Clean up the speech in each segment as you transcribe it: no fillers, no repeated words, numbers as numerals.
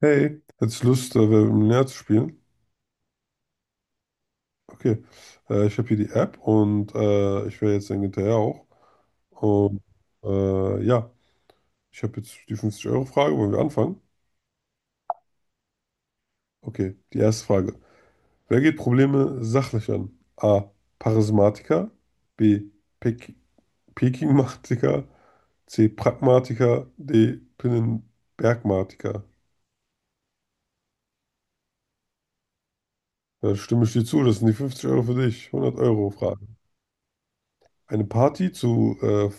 Hey, hättest du Lust, Wer wird Millionär zu spielen? Okay, ich habe hier die App und ich wäre jetzt dann hinterher auch. Und ja, ich habe jetzt die 50-Euro-Frage. Wollen wir anfangen? Okay, die erste Frage. Wer geht Probleme sachlich an? A. Charismatiker. B. Pek Pekingmatiker. C. Pragmatiker. D. Pinnenbergmatiker. Da stimme ich dir zu. Das sind die 50 Euro für dich. 100 Euro Frage. Eine Party zu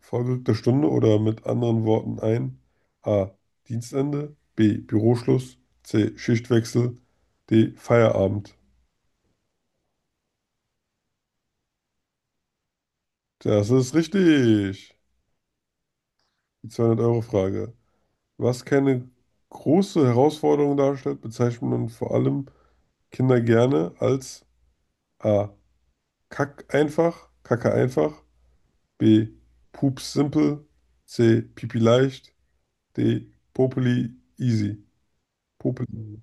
vorgerückter Stunde oder mit anderen Worten ein A. Dienstende. B. Büroschluss. C. Schichtwechsel. D. Feierabend. Das ist richtig. Die 200 Euro Frage. Was keine große Herausforderung darstellt, bezeichnet man vor allem Kinder gerne als A. Kacke einfach. B. Pups simpel. C. Pipi leicht. D. Popeli easy. Popeli.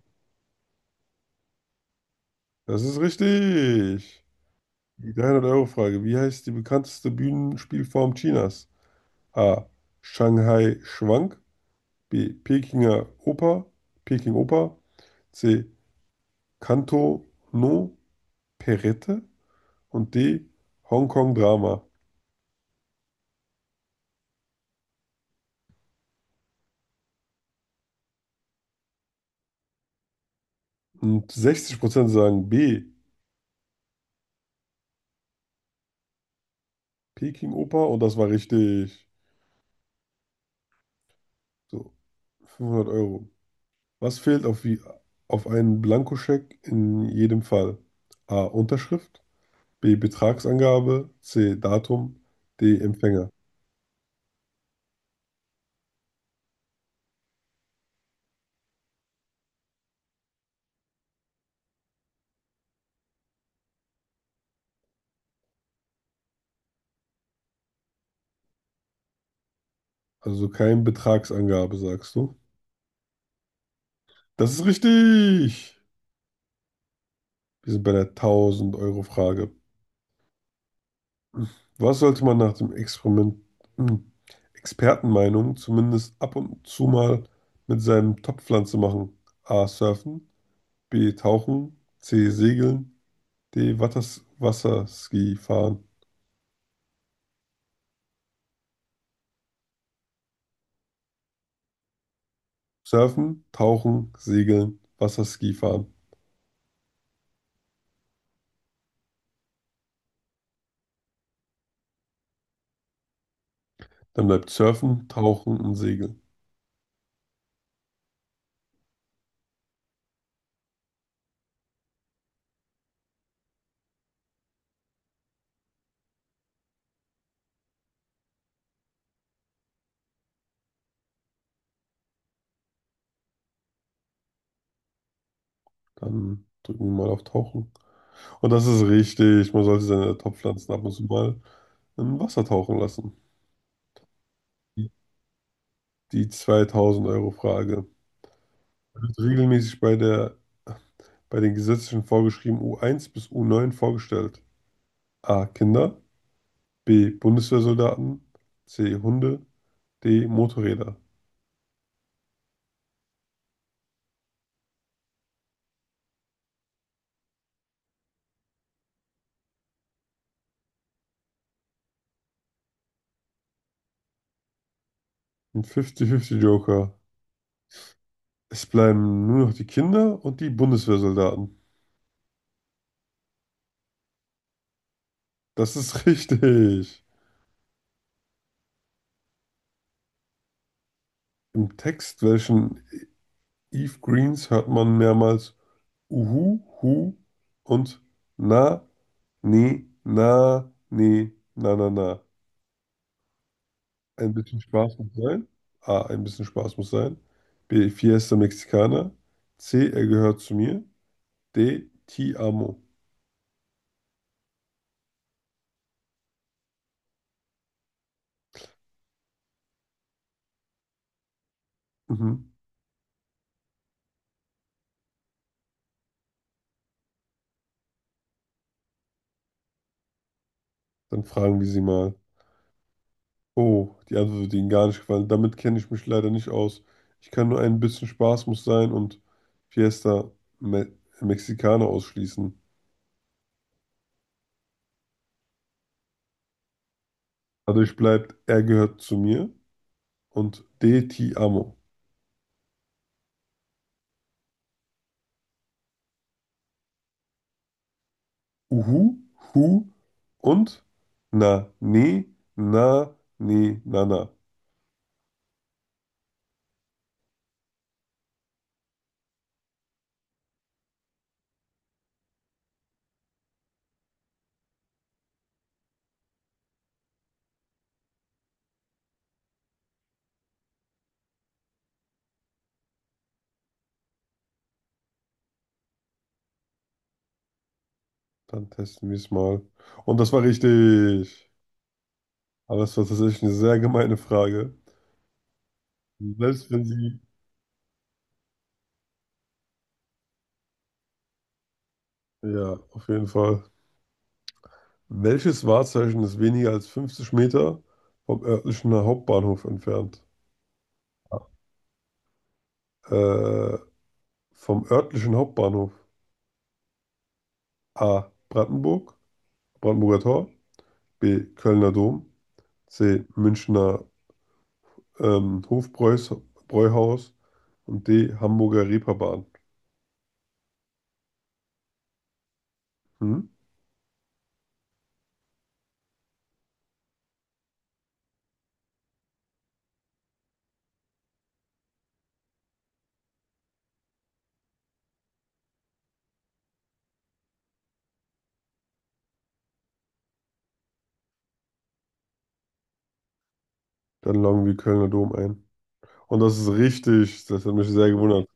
Das ist richtig. Die 300-Euro-Frage. Wie heißt die bekannteste Bühnenspielform Chinas? A. Shanghai Schwank. B. Pekinger Oper. Peking Oper. C. Canto no Perrette. Und D. Hongkong Drama. Und 60% sagen B. Peking Oper. Und das war richtig. So, 500 Euro. Was fehlt auf einen Blankoscheck in jedem Fall? A. Unterschrift. B. Betragsangabe. C. Datum. D. Empfänger. Also so kein Betragsangabe, sagst du. Das ist richtig! Wir sind bei der 1000-Euro-Frage. Was sollte man nach dem hm, Expertenmeinung zumindest ab und zu mal mit seinem Topfpflanze machen? A. Surfen. B. Tauchen. C. Segeln. D. Watters Wasserski fahren. Surfen, Tauchen, Segeln, Wasserski fahren. Dann bleibt Surfen, Tauchen und Segeln. Dann drücken wir mal auf Tauchen. Und das ist richtig. Man sollte seine Topfpflanzen ab und zu mal im Wasser tauchen lassen. Die, die 2000-Euro-Frage wird regelmäßig bei den gesetzlichen vorgeschrieben U1 bis U9 vorgestellt. A. Kinder. B. Bundeswehrsoldaten. C. Hunde. D. Motorräder. Ein 50-50 Joker. Es bleiben nur noch die Kinder und die Bundeswehrsoldaten. Das ist richtig. Im Text, welchen Eve Greens hört man mehrmals Uhu, Hu und Na, Ni, Na, Ni, Na, Na, Na. Ein bisschen Spaß muss sein. A, ein bisschen Spaß muss sein. B, Fiesta Mexicana. C, er gehört zu mir. D, Ti amo. Mhm. Dann fragen wir sie mal. Oh, die Antwort wird ihnen gar nicht gefallen. Damit kenne ich mich leider nicht aus. Ich kann nur ein bisschen Spaß muss sein und Fiesta Me Mexicana ausschließen. Dadurch bleibt er gehört zu mir und D, Ti amo. Uhu, Hu und Na, Nee, Na, Nee, Na, Na. Dann testen wir es mal. Und das war richtig. Aber es war tatsächlich eine sehr gemeine Frage. Selbst wenn sie, ja, auf jeden Fall. Welches Wahrzeichen ist weniger als 50 Meter vom örtlichen Hauptbahnhof entfernt? Äh, Vom örtlichen Hauptbahnhof. A. Brandenburger Tor. B. Kölner Dom. C. Münchner Hofbräuhaus. Und D. Hamburger Reeperbahn. Hm? Dann loggen wir Kölner Dom ein. Und das ist richtig. Das hat mich sehr gewundert,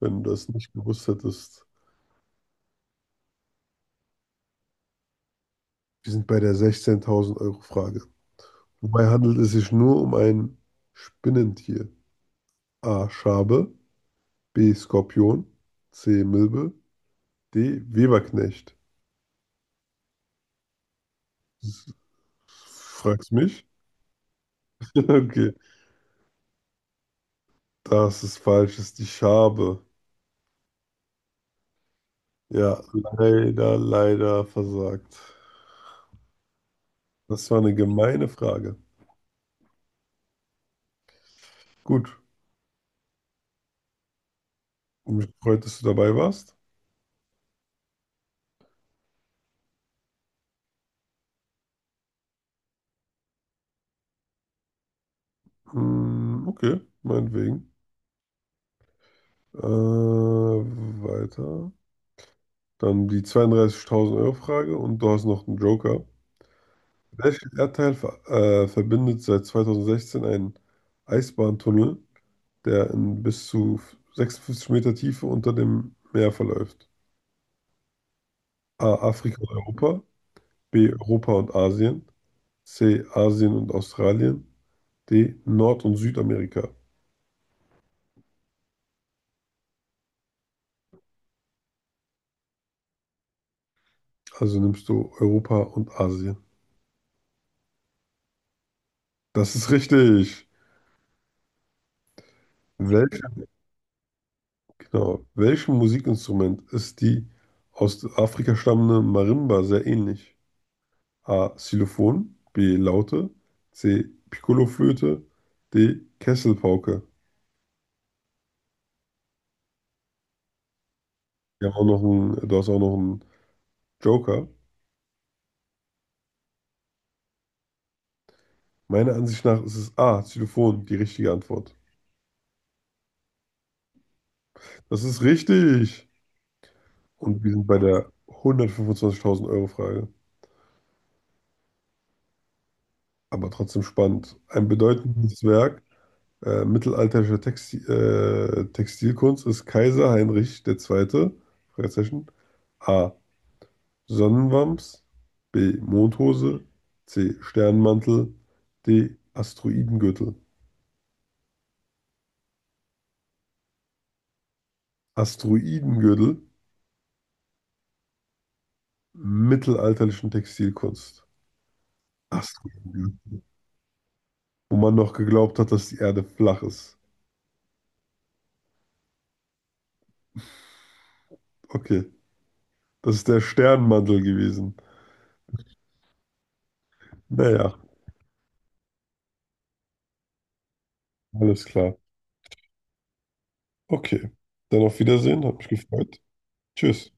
wenn du das nicht gewusst hättest. Wir sind bei der 16.000 Euro Frage. Wobei handelt es sich nur um ein Spinnentier? A. Schabe. B. Skorpion. C. Milbe. D. Weberknecht. S- Fragst mich? Okay, das ist falsch, das ist die Schabe. Ja, leider, leider versagt. Das war eine gemeine Frage. Gut, und mich gefreut, dass du dabei warst. Hm, okay, meinetwegen. Weiter. Dann die 32.000 Euro Frage und du hast noch einen Joker. Welcher Erdteil verbindet seit 2016 einen Eisbahntunnel, der in bis zu 56 Meter Tiefe unter dem Meer verläuft? A. Afrika und Europa. B. Europa und Asien. C. Asien und Australien. D. Nord- und Südamerika. Also nimmst du Europa und Asien. Das ist richtig. Welche, genau, welchem Musikinstrument ist die aus Afrika stammende Marimba sehr ähnlich? A. Xylophon. B. Laute. C. Piccolo-Flöte. D. Kesselpauke. Wir haben auch noch einen, Du hast auch noch einen Joker. Meiner Ansicht nach ist es A. Xylophon die richtige Antwort. Das ist richtig. Und wir sind bei der 125.000 Euro Frage. Aber trotzdem spannend. Ein bedeutendes Werk. Mittelalterliche Textilkunst ist Kaiser Heinrich der Zweite. Fragezeichen. A. Sonnenwams. B. Mondhose. C. Sternmantel. D. Asteroidengürtel. Asteroidengürtel, mittelalterlichen Textilkunst. Asteroidengürtel. Wo man noch geglaubt hat, dass die Erde flach ist. Okay, das ist der Sternmantel gewesen. Naja, alles klar. Okay, dann auf Wiedersehen, hat mich gefreut. Tschüss.